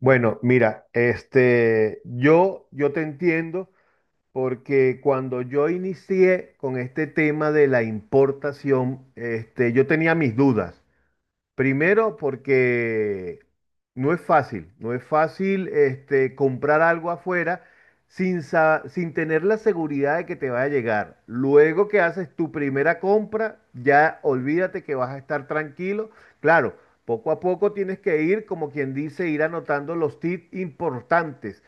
Bueno, mira, yo te entiendo porque cuando yo inicié con este tema de la importación, yo tenía mis dudas. Primero porque no es fácil, no es fácil comprar algo afuera sin tener la seguridad de que te va a llegar. Luego que haces tu primera compra, ya olvídate que vas a estar tranquilo. Claro, poco a poco tienes que ir, como quien dice, ir anotando los tips importantes,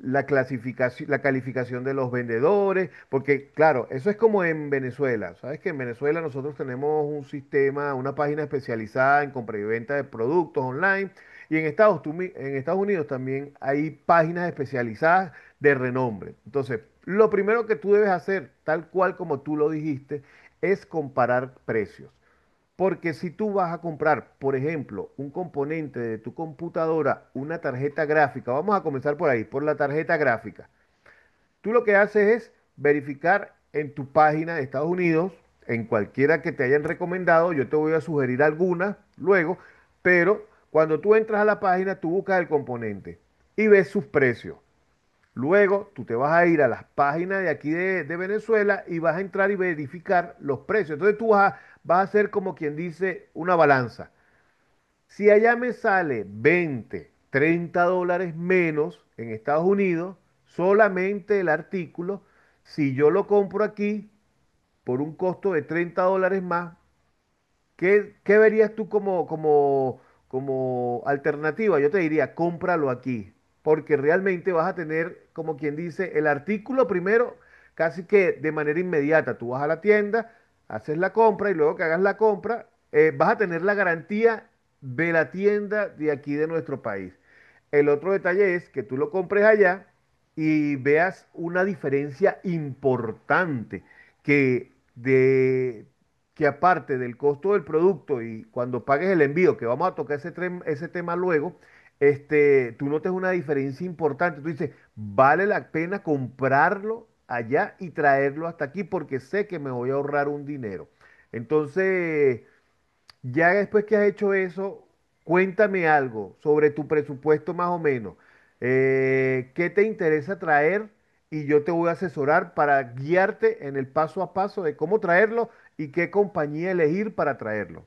la clasificación, la calificación de los vendedores, porque claro, eso es como en Venezuela. Sabes que en Venezuela nosotros tenemos un sistema, una página especializada en compra y venta de productos online, y en Estados Unidos también hay páginas especializadas de renombre. Entonces, lo primero que tú debes hacer, tal cual como tú lo dijiste, es comparar precios. Porque si tú vas a comprar, por ejemplo, un componente de tu computadora, una tarjeta gráfica, vamos a comenzar por ahí, por la tarjeta gráfica. Tú lo que haces es verificar en tu página de Estados Unidos, en cualquiera que te hayan recomendado, yo te voy a sugerir algunas luego, pero cuando tú entras a la página, tú buscas el componente y ves sus precios. Luego tú te vas a ir a las páginas de aquí de Venezuela y vas a entrar y verificar los precios. Entonces tú vas a hacer como quien dice una balanza. Si allá me sale 20, $30 menos en Estados Unidos, solamente el artículo, si yo lo compro aquí por un costo de $30 más, ¿Qué verías tú como alternativa? Yo te diría, cómpralo aquí, porque realmente vas a tener, como quien dice, el artículo primero, casi que de manera inmediata. Tú vas a la tienda, haces la compra y luego que hagas la compra, vas a tener la garantía de la tienda de aquí de nuestro país. El otro detalle es que tú lo compres allá y veas una diferencia importante que de que aparte del costo del producto y cuando pagues el envío, que vamos a tocar ese tema luego, tú notes una diferencia importante. Tú dices, vale la pena comprarlo allá y traerlo hasta aquí porque sé que me voy a ahorrar un dinero. Entonces, ya después que has hecho eso, cuéntame algo sobre tu presupuesto más o menos. ¿Qué te interesa traer? Y yo te voy a asesorar para guiarte en el paso a paso de cómo traerlo y qué compañía elegir para traerlo.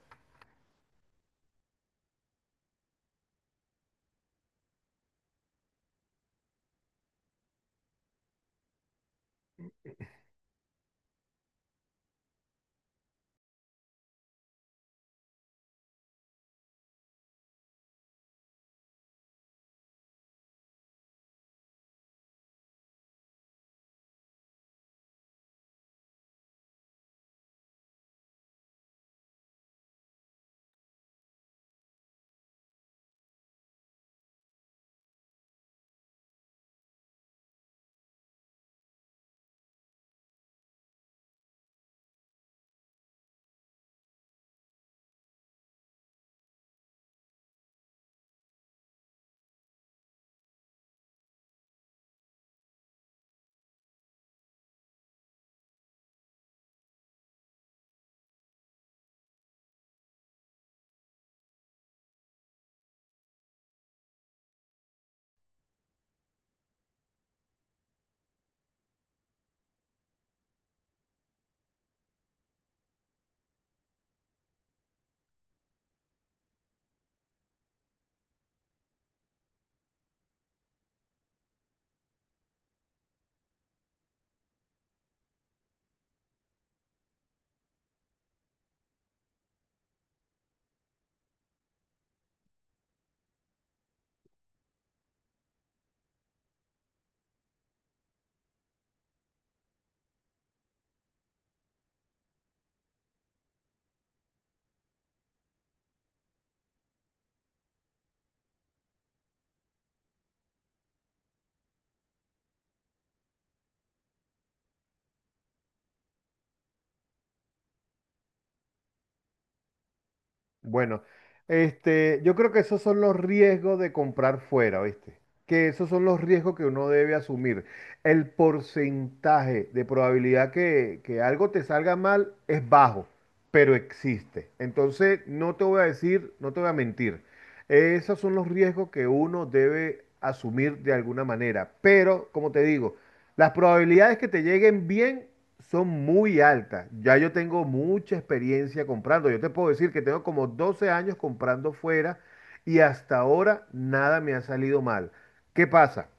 Bueno, yo creo que esos son los riesgos de comprar fuera, ¿viste? Que esos son los riesgos que uno debe asumir. El porcentaje de probabilidad que algo te salga mal es bajo, pero existe. Entonces, no te voy a decir, no te voy a mentir. Esos son los riesgos que uno debe asumir de alguna manera. Pero, como te digo, las probabilidades que te lleguen bien son muy altas. Ya yo tengo mucha experiencia comprando. Yo te puedo decir que tengo como 12 años comprando fuera y hasta ahora nada me ha salido mal. ¿Qué pasa?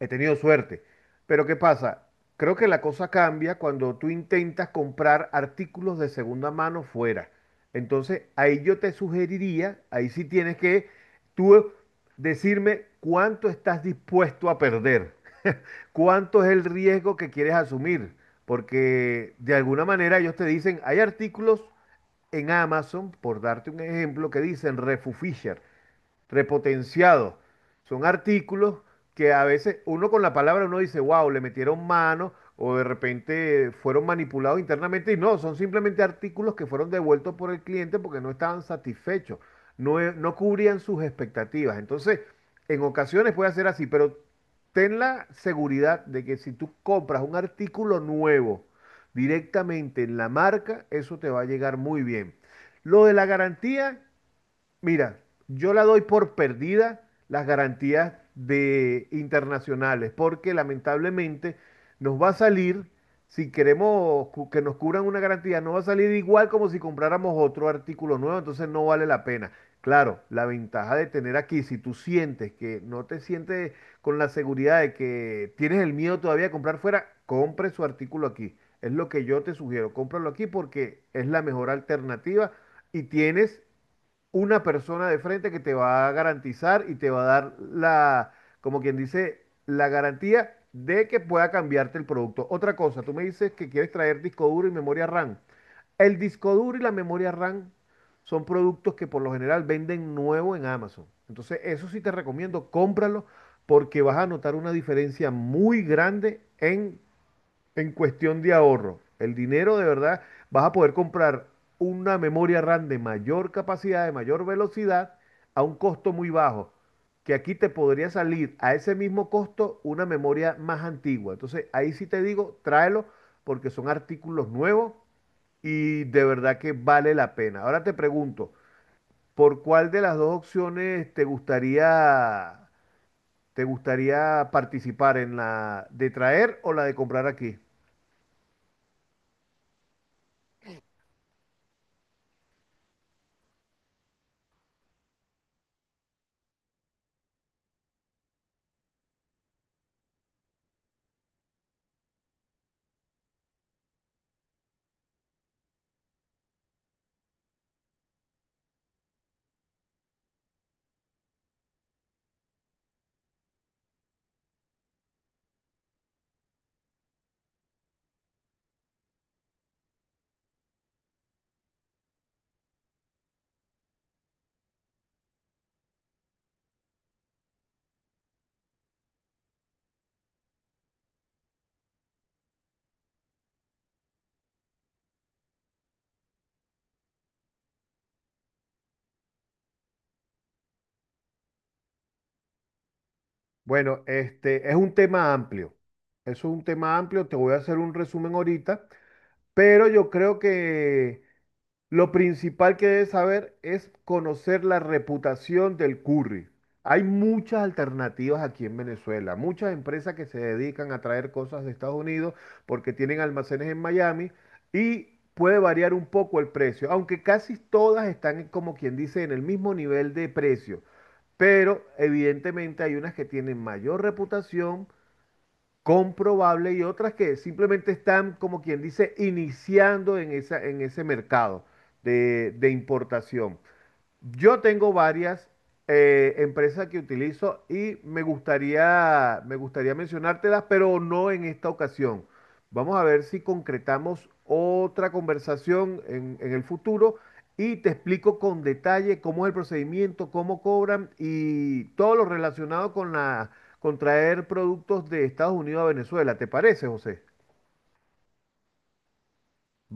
He tenido suerte. Pero ¿qué pasa? Creo que la cosa cambia cuando tú intentas comprar artículos de segunda mano fuera. Entonces, ahí yo te sugeriría, ahí sí tienes que tú decirme cuánto estás dispuesto a perder, cuánto es el riesgo que quieres asumir, porque de alguna manera ellos te dicen, hay artículos en Amazon, por darte un ejemplo, que dicen Refu Fisher repotenciados. Son artículos que a veces uno con la palabra uno dice, wow, le metieron mano o de repente fueron manipulados internamente y no, son simplemente artículos que fueron devueltos por el cliente porque no estaban satisfechos, no, no cubrían sus expectativas. Entonces, en ocasiones puede ser así, pero ten la seguridad de que si tú compras un artículo nuevo directamente en la marca, eso te va a llegar muy bien. Lo de la garantía, mira, yo la doy por perdida las garantías de internacionales, porque lamentablemente nos va a salir, si queremos que nos cubran una garantía, no va a salir igual como si compráramos otro artículo nuevo, entonces no vale la pena. Claro, la ventaja de tener aquí, si tú sientes que no te sientes con la seguridad de que tienes el miedo todavía de comprar fuera, compre su artículo aquí. Es lo que yo te sugiero, cómpralo aquí porque es la mejor alternativa y tienes una persona de frente que te va a garantizar y te va a dar la, como quien dice, la garantía de que pueda cambiarte el producto. Otra cosa, tú me dices que quieres traer disco duro y memoria RAM. El disco duro y la memoria RAM son productos que por lo general venden nuevo en Amazon. Entonces, eso sí te recomiendo, cómpralo porque vas a notar una diferencia muy grande en cuestión de ahorro. El dinero de verdad, vas a poder comprar una memoria RAM de mayor capacidad, de mayor velocidad, a un costo muy bajo. Que aquí te podría salir a ese mismo costo una memoria más antigua. Entonces, ahí sí te digo, tráelo porque son artículos nuevos y de verdad que vale la pena. Ahora te pregunto, ¿por cuál de las dos opciones te gustaría participar, en la de traer o la de comprar aquí? Bueno, este es un tema amplio. Eso es un tema amplio. Te voy a hacer un resumen ahorita, pero yo creo que lo principal que debes saber es conocer la reputación del curry. Hay muchas alternativas aquí en Venezuela, muchas empresas que se dedican a traer cosas de Estados Unidos porque tienen almacenes en Miami y puede variar un poco el precio, aunque casi todas están como quien dice en el mismo nivel de precio, pero evidentemente hay unas que tienen mayor reputación comprobable y otras que simplemente están, como quien dice, iniciando en esa, en ese mercado de importación. Yo tengo varias empresas que utilizo y me gustaría mencionártelas, pero no en esta ocasión. Vamos a ver si concretamos otra conversación en el futuro y te explico con detalle cómo es el procedimiento, cómo cobran y todo lo relacionado con con traer productos de Estados Unidos a Venezuela. ¿Te parece, José?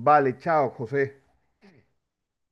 Vale, chao, José.